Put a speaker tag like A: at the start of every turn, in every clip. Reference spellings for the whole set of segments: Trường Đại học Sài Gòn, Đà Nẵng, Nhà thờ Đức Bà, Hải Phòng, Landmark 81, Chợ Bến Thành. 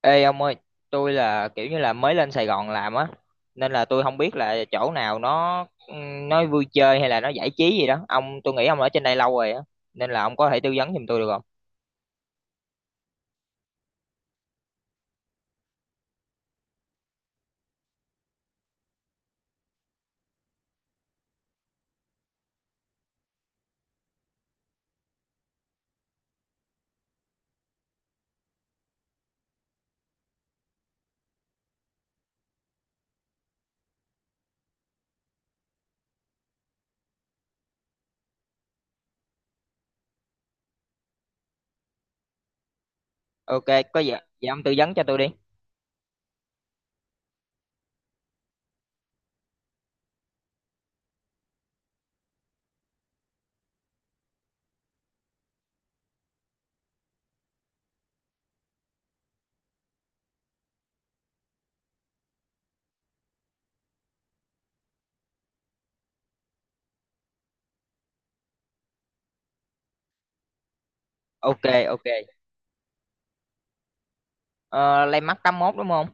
A: Ê ông ơi, tôi là kiểu như là mới lên Sài Gòn làm á, nên là tôi không biết là chỗ nào nó ừ, nó vui chơi hay là nó giải trí gì đó. Ông, tôi nghĩ ông ở trên đây lâu rồi á, nên là ông có thể tư vấn giùm tôi được không? Ok, có gì, vậy ông tư vấn cho tôi đi. Ok, ok. Ờ, Landmark tám mốt đúng không?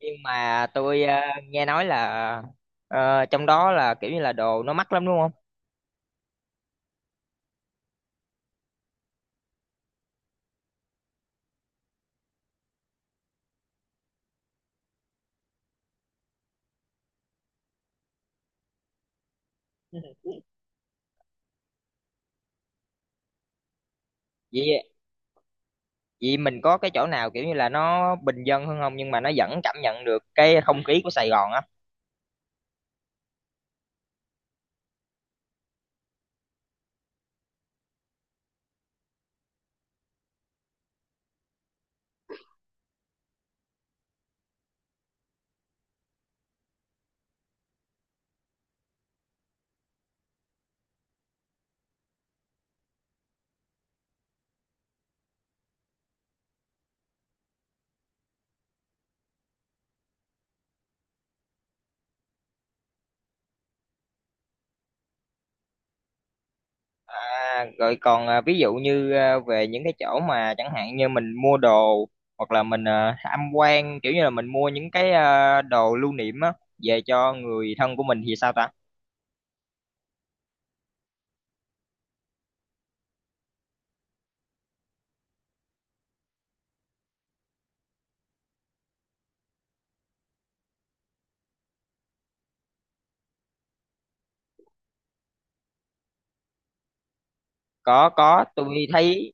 A: Nhưng mà tôi nghe nói là trong đó là kiểu như là đồ nó mắc lắm đúng không? Vậy vậy mình có cái chỗ nào kiểu như là nó bình dân hơn không nhưng mà nó vẫn cảm nhận được cái không khí của Sài Gòn á? À, rồi còn ví dụ như về những cái chỗ mà chẳng hạn như mình mua đồ, hoặc là mình tham quan kiểu như là mình mua những cái đồ lưu niệm á về cho người thân của mình thì sao ta? Có, tôi thấy,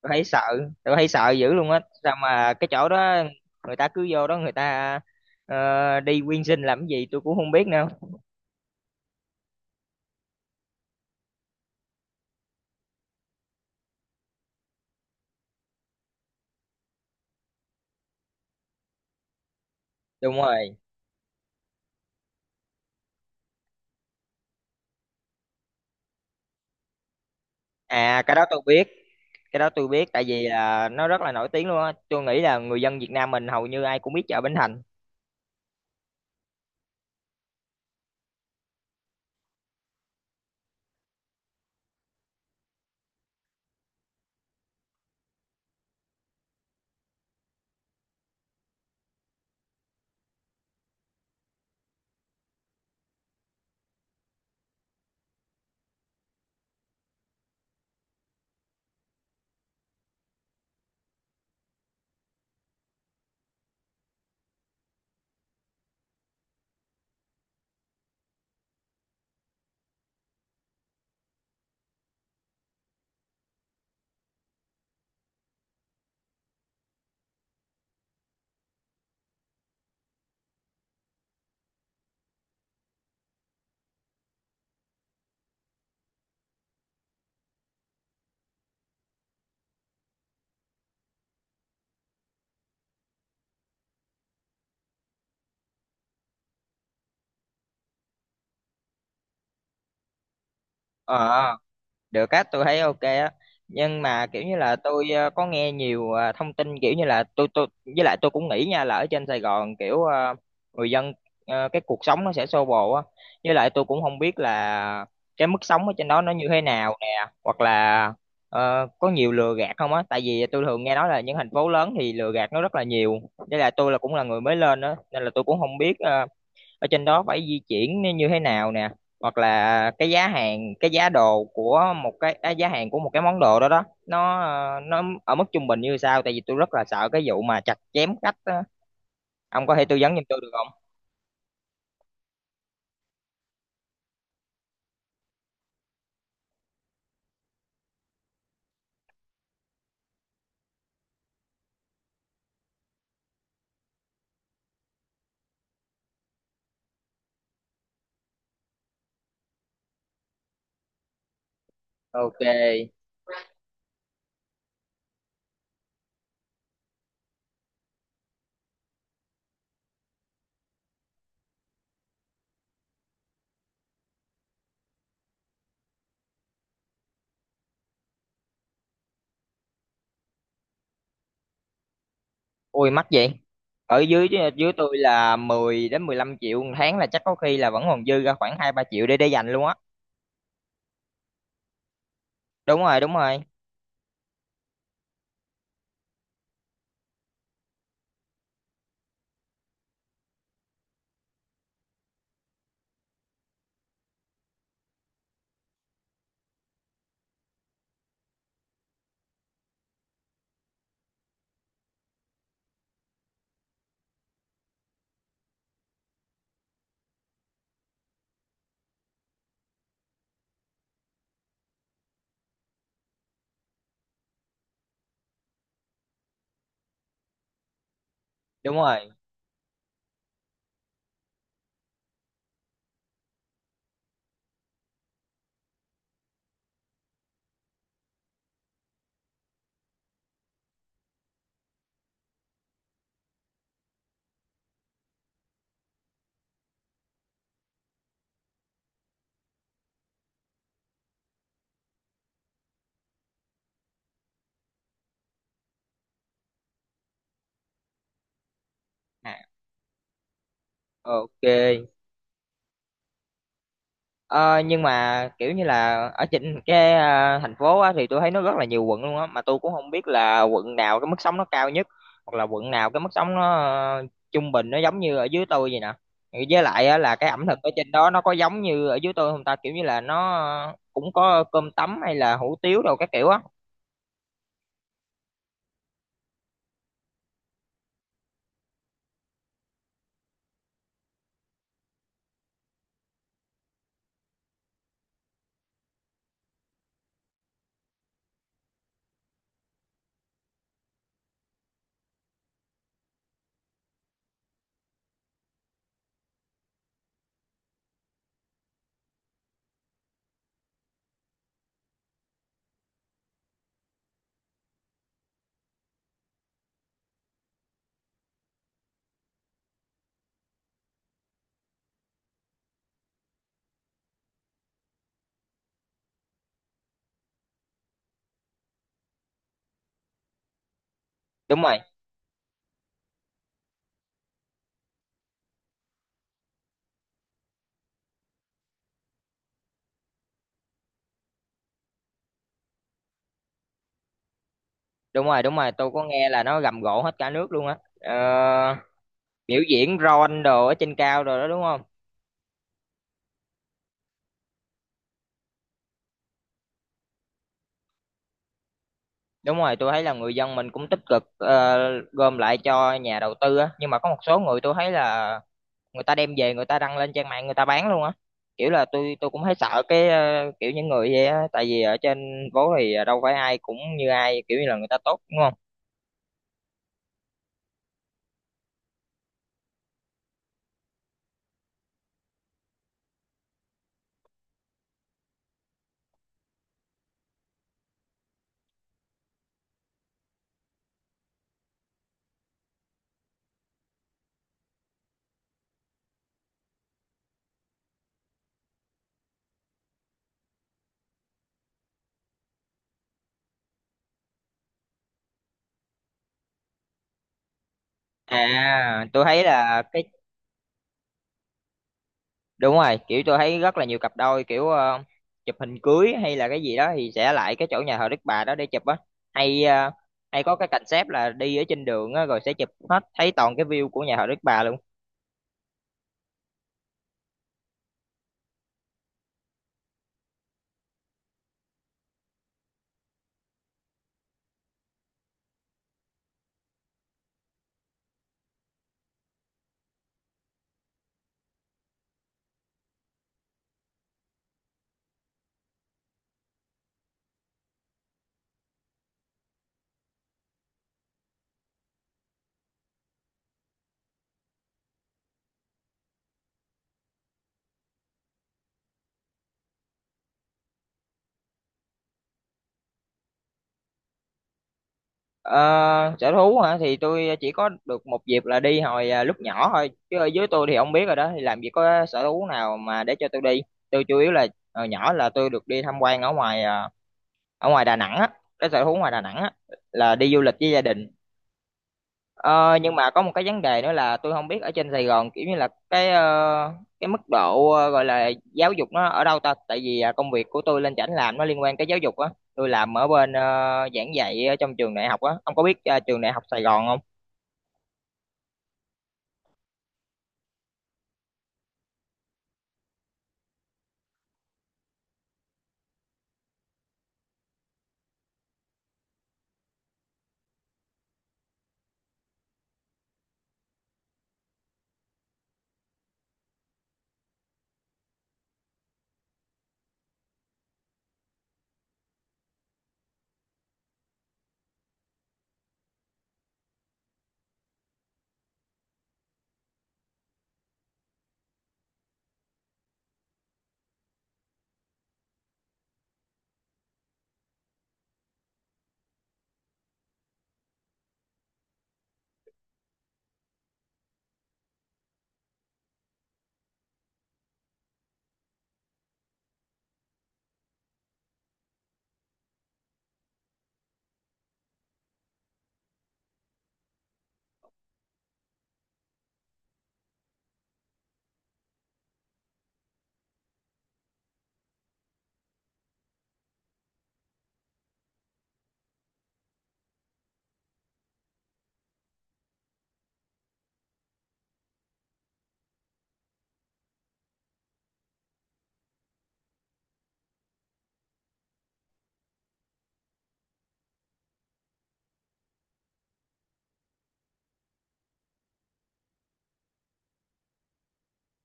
A: tôi thấy sợ, tôi thấy sợ dữ luôn á, sao mà cái chỗ đó người ta cứ vô đó, người ta đi quyên sinh làm cái gì tôi cũng không biết nữa. Đúng rồi, à cái đó tôi biết, cái đó tôi biết, tại vì là nó rất là nổi tiếng luôn á, tôi nghĩ là người dân Việt Nam mình hầu như ai cũng biết chợ Bến Thành. Ờ, được á, tôi thấy ok á, nhưng mà kiểu như là tôi có nghe nhiều thông tin, kiểu như là tôi với lại tôi cũng nghĩ nha, là ở trên Sài Gòn kiểu người dân cái cuộc sống nó sẽ xô bồ á, với lại tôi cũng không biết là cái mức sống ở trên đó nó như thế nào nè, hoặc là có nhiều lừa gạt không á, tại vì tôi thường nghe nói là những thành phố lớn thì lừa gạt nó rất là nhiều, với lại tôi là cũng là người mới lên á, nên là tôi cũng không biết ở trên đó phải di chuyển như như thế nào nè, hoặc là cái giá hàng, cái giá đồ của một cái giá hàng của một cái món đồ đó, đó nó nó ở mức trung bình như sao, tại vì tôi rất là sợ cái vụ mà chặt chém khách á. Ông có thể tư vấn giùm tôi được không? Ok. Ui mắc vậy. Ở dưới dưới tôi là 10 đến 15 triệu một tháng là chắc có khi là vẫn còn dư ra khoảng hai ba triệu để dành luôn á. Đúng rồi, đúng rồi. Đúng rồi. À, ok. Ờ, nhưng mà kiểu như là ở trên cái thành phố á, thì tôi thấy nó rất là nhiều quận luôn á, mà tôi cũng không biết là quận nào cái mức sống nó cao nhất, hoặc là quận nào cái mức sống nó ờ, trung bình, nó giống như ở dưới tôi vậy nè. Với lại á, là cái ẩm thực ở trên đó nó có giống như ở dưới tôi không ta, kiểu như là nó cũng có cơm tấm hay là hủ tiếu đâu các kiểu á. Đúng rồi, đúng rồi. Đúng rồi, tôi có nghe là nó rầm rộ hết cả nước luôn á. Ờ, biểu diễn ron đồ ở trên cao rồi đó đúng không? Đúng rồi, tôi thấy là người dân mình cũng tích cực gom lại cho nhà đầu tư á, nhưng mà có một số người tôi thấy là người ta đem về, người ta đăng lên trang mạng người ta bán luôn á. Kiểu là tôi cũng thấy sợ cái kiểu những người vậy á, tại vì ở trên phố thì đâu phải ai cũng như ai, kiểu như là người ta tốt đúng không? À, tôi thấy là cái đúng rồi, kiểu tôi thấy rất là nhiều cặp đôi kiểu chụp hình cưới hay là cái gì đó thì sẽ lại cái chỗ nhà thờ Đức Bà đó để chụp á, hay hay có cái concept là đi ở trên đường á rồi sẽ chụp hết thấy toàn cái view của nhà thờ Đức Bà luôn. Ờ, sở thú hả, thì tôi chỉ có được một dịp là đi hồi lúc nhỏ thôi, chứ ở dưới tôi thì không biết rồi đó, thì làm gì có sở thú nào mà để cho tôi đi. Tôi chủ yếu là hồi nhỏ là tôi được đi tham quan ở ngoài ở ngoài Đà Nẵng á, cái sở thú ngoài Đà Nẵng á, là đi du lịch với gia đình. Ờ, nhưng mà có một cái vấn đề nữa là tôi không biết ở trên Sài Gòn kiểu như là cái cái mức độ gọi là giáo dục nó ở đâu ta, tại vì công việc của tôi lên chảnh làm nó liên quan tới giáo dục á. Tôi làm ở bên giảng dạy ở trong trường đại học á, ông có biết trường đại học Sài Gòn không?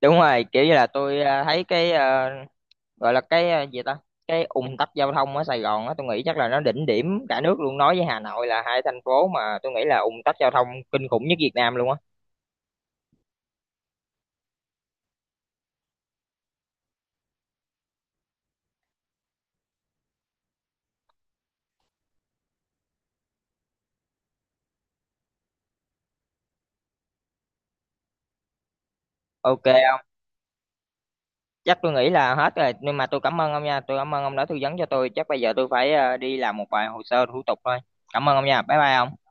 A: Đúng rồi, kiểu như là tôi thấy cái gọi là cái gì ta, cái ùn tắc giao thông ở Sài Gòn á, tôi nghĩ chắc là nó đỉnh điểm cả nước luôn, nói với Hà Nội là hai thành phố mà tôi nghĩ là ùn tắc giao thông kinh khủng nhất Việt Nam luôn á. Ok, chắc tôi nghĩ là hết rồi, nhưng mà tôi cảm ơn ông nha, tôi cảm ơn ông đã tư vấn cho tôi, chắc bây giờ tôi phải đi làm một vài hồ sơ thủ tục thôi. Cảm ơn ông nha, bye bye ông.